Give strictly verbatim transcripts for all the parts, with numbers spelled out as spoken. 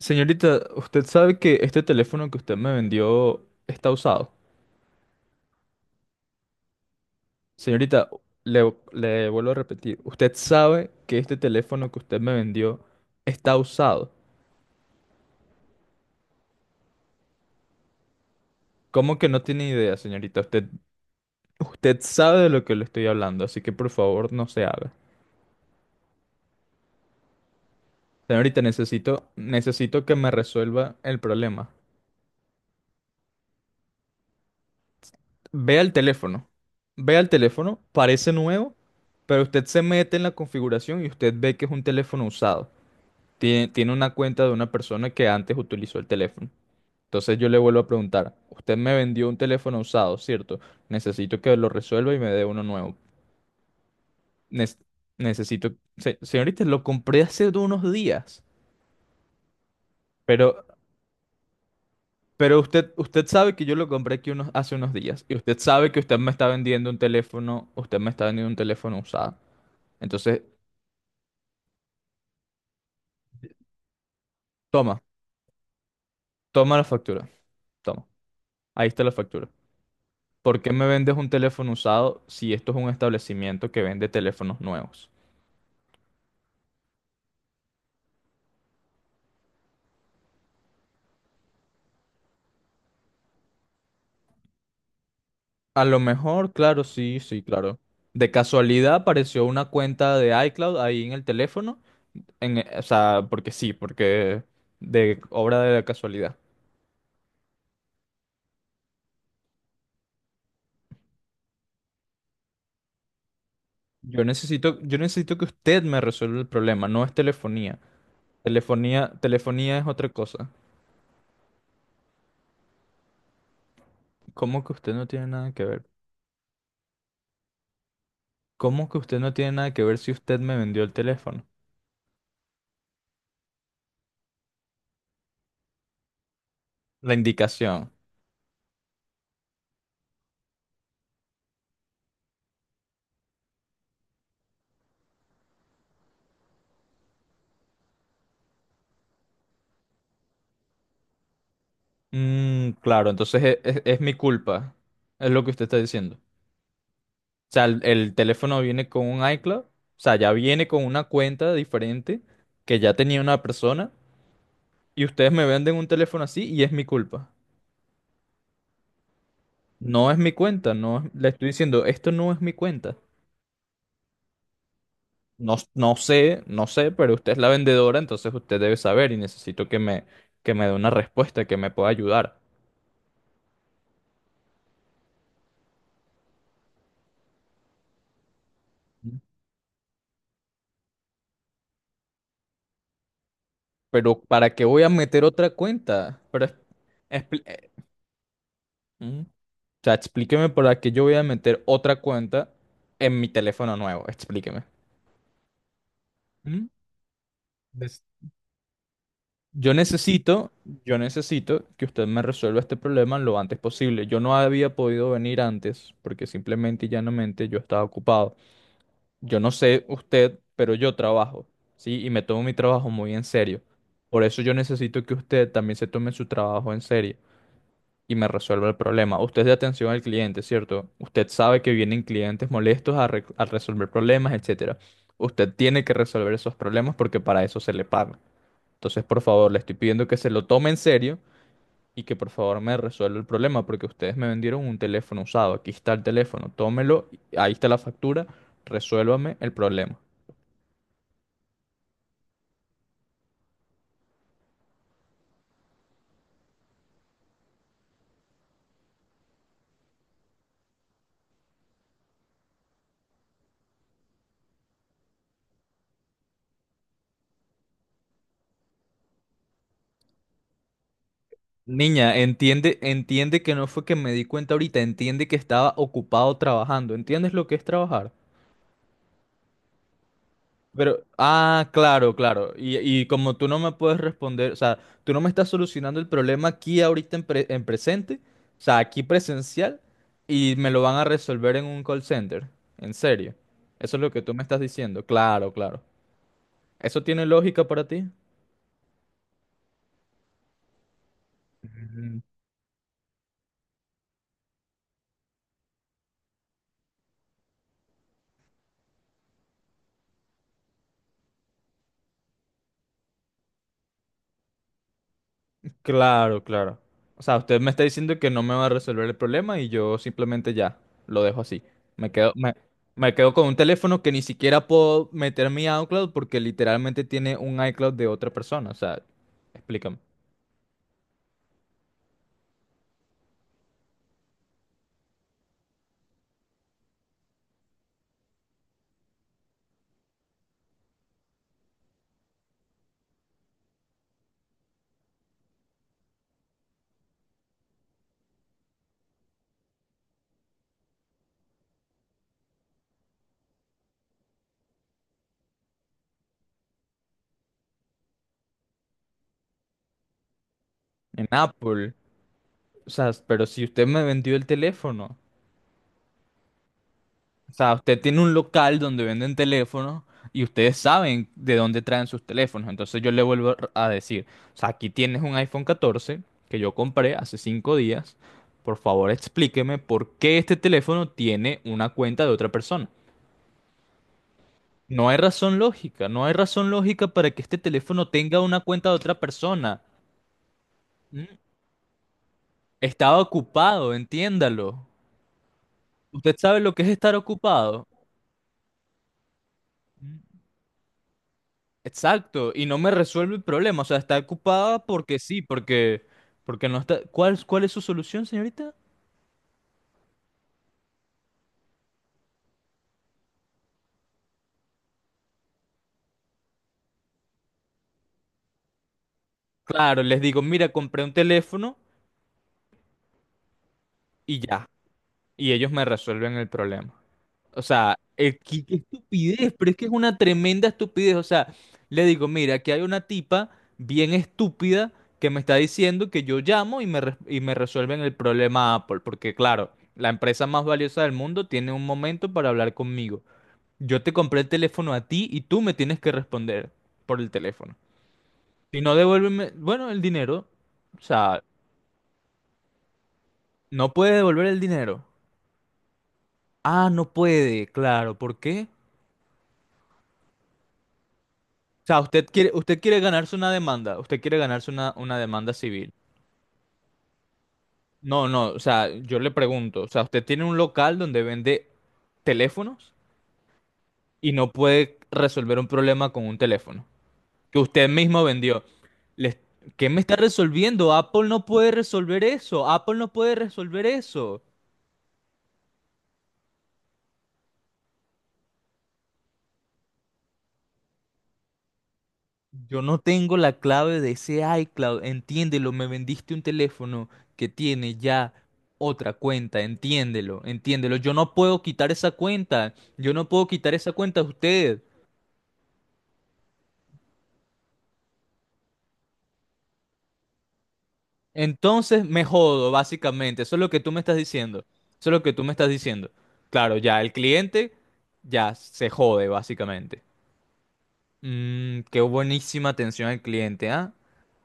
Señorita, usted sabe que este teléfono que usted me vendió está usado. Señorita, le, le vuelvo a repetir, usted sabe que este teléfono que usted me vendió está usado. ¿Cómo que no tiene idea, señorita? Usted, usted sabe de lo que le estoy hablando, así que por favor no se haga. Señorita, necesito, necesito que me resuelva el problema. Vea el teléfono. Vea el teléfono, parece nuevo, pero usted se mete en la configuración y usted ve que es un teléfono usado. Tiene, tiene una cuenta de una persona que antes utilizó el teléfono. Entonces yo le vuelvo a preguntar, usted me vendió un teléfono usado, ¿cierto? Necesito que lo resuelva y me dé uno nuevo. Nes- necesito, se- Señorita, lo compré hace de unos días, pero, pero usted, usted sabe que yo lo compré aquí unos, hace unos días y usted sabe que usted me está vendiendo un teléfono, usted me está vendiendo un teléfono usado. Entonces, toma, toma la factura, toma, ahí está la factura. ¿Por qué me vendes un teléfono usado si esto es un establecimiento que vende teléfonos nuevos? A lo mejor, claro, sí, sí, claro. De casualidad apareció una cuenta de iCloud ahí en el teléfono, en, eh, o sea, porque sí, porque de obra de la casualidad. Yo necesito, yo necesito que usted me resuelva el problema, no es telefonía. Telefonía, telefonía es otra cosa. ¿Cómo que usted no tiene nada que ver? ¿Cómo que usted no tiene nada que ver si usted me vendió el teléfono? La indicación. Mm, claro, entonces e- es, es mi culpa. Es lo que usted está diciendo. O sea, el, el teléfono viene con un iCloud. O sea, ya viene con una cuenta diferente que ya tenía una persona. Y ustedes me venden un teléfono así y es mi culpa. No es mi cuenta, no es- le estoy diciendo, esto no es mi cuenta. No, s- no sé, no sé, pero usted es la vendedora, entonces usted debe saber y necesito que me, que me dé una respuesta, que me pueda ayudar. Pero ¿para qué voy a meter otra cuenta? Pero es- expli- eh, O sea, explíqueme para qué yo voy a meter otra cuenta en mi teléfono nuevo. Explíqueme. ¿Mm? Des- Yo necesito, yo necesito que usted me resuelva este problema lo antes posible. Yo no había podido venir antes porque simplemente y llanamente yo estaba ocupado. Yo no sé usted, pero yo trabajo, ¿sí? Y me tomo mi trabajo muy en serio. Por eso yo necesito que usted también se tome su trabajo en serio y me resuelva el problema. Usted es de atención al cliente, ¿cierto? Usted sabe que vienen clientes molestos a, re- a resolver problemas, etcétera. Usted tiene que resolver esos problemas porque para eso se le paga. Entonces, por favor, le estoy pidiendo que se lo tome en serio y que por favor me resuelva el problema porque ustedes me vendieron un teléfono usado. Aquí está el teléfono, tómelo, ahí está la factura, resuélvame el problema. Niña, entiende, entiende que no fue que me di cuenta ahorita, entiende que estaba ocupado trabajando. ¿Entiendes lo que es trabajar? Pero, ah, claro, claro. Y, y como tú no me puedes responder, o sea, tú no me estás solucionando el problema aquí ahorita en, pre- en presente, o sea, aquí presencial, y me lo van a resolver en un call center. En serio. Eso es lo que tú me estás diciendo. Claro, claro. ¿Eso tiene lógica para ti? Claro, claro. O sea, usted me está diciendo que no me va a resolver el problema y yo simplemente ya lo dejo así. Me quedo, me, me quedo con un teléfono que ni siquiera puedo meter mi iCloud porque literalmente tiene un iCloud de otra persona. O sea, explícame. En Apple. O sea, pero si usted me vendió el teléfono. O sea, usted tiene un local donde venden teléfonos y ustedes saben de dónde traen sus teléfonos. Entonces yo le vuelvo a a decir, o sea, aquí tienes un iPhone catorce que yo compré hace cinco días. Por favor, explíqueme por qué este teléfono tiene una cuenta de otra persona. No hay razón lógica, no hay razón lógica para que este teléfono tenga una cuenta de otra persona. ¿Mm? Estaba ocupado, entiéndalo. ¿Usted sabe lo que es estar ocupado? Exacto, y no me resuelve el problema, o sea, está ocupada porque sí, porque, porque no está... ¿Cuál, cuál es su solución, señorita? Claro, les digo, mira, compré un teléfono y ya, y ellos me resuelven el problema. O sea, eh, qué, qué estupidez, pero es que es una tremenda estupidez. O sea, le digo, mira, aquí hay una tipa bien estúpida que me está diciendo que yo llamo y me, res- y me resuelven el problema Apple, porque claro, la empresa más valiosa del mundo tiene un momento para hablar conmigo. Yo te compré el teléfono a ti y tú me tienes que responder por el teléfono. Si no devuélveme, bueno, el dinero. O sea, no puede devolver el dinero. Ah, no puede, claro. ¿Por qué? Sea, usted quiere, usted quiere ganarse una demanda, usted quiere ganarse una, una demanda civil. No, no, o sea, yo le pregunto, o sea, usted tiene un local donde vende teléfonos y no puede resolver un problema con un teléfono que usted mismo vendió. Les- ¿qué me está resolviendo? Apple no puede resolver eso, Apple no puede resolver eso. Yo no tengo la clave de ese iCloud, entiéndelo, me vendiste un teléfono que tiene ya otra cuenta, entiéndelo, entiéndelo. Yo no puedo quitar esa cuenta, yo no puedo quitar esa cuenta de usted. Entonces me jodo, básicamente, eso es lo que tú me estás diciendo, eso es lo que tú me estás diciendo. Claro, ya el cliente ya se jode, básicamente. Mm, qué buenísima atención al cliente, ¿ah?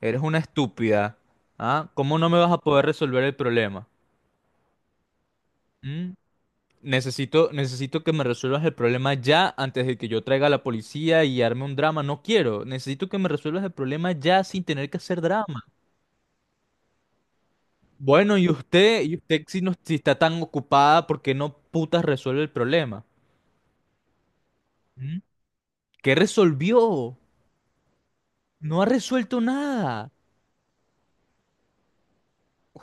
Eres una estúpida, ¿ah? ¿Cómo no me vas a poder resolver el problema? Mm, Necesito, necesito que me resuelvas el problema ya antes de que yo traiga a la policía y arme un drama. No quiero. Necesito que me resuelvas el problema ya sin tener que hacer drama. Bueno, y usted, y usted si, no, si está tan ocupada, ¿por qué no putas resuelve el problema? ¿Mm? ¿Qué resolvió? No ha resuelto nada.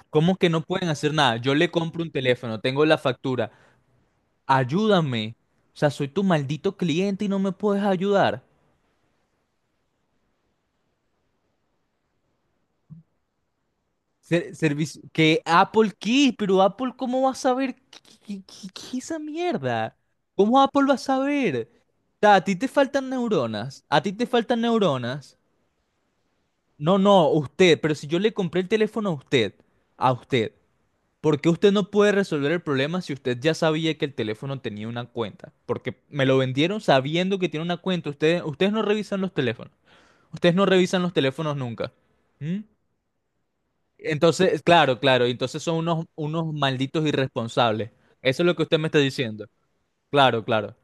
¿Cómo que no pueden hacer nada? Yo le compro un teléfono, tengo la factura. Ayúdame. O sea, soy tu maldito cliente y no me puedes ayudar. Ser- servicio, que Apple qué, pero Apple ¿cómo va a saber qué, qué- qué- qué es esa mierda? ¿Cómo Apple va a saber? O sea, a ti te faltan neuronas, a ti te faltan neuronas. No, no, usted, pero si yo le compré el teléfono a usted, a usted, ¿por qué usted no puede resolver el problema si usted ya sabía que el teléfono tenía una cuenta? Porque me lo vendieron sabiendo que tiene una cuenta. Ustedes, ustedes no revisan los teléfonos, ustedes no revisan los teléfonos nunca. ¿Mm? Entonces, claro, claro, entonces son unos, unos malditos irresponsables. Eso es lo que usted me está diciendo. Claro, claro.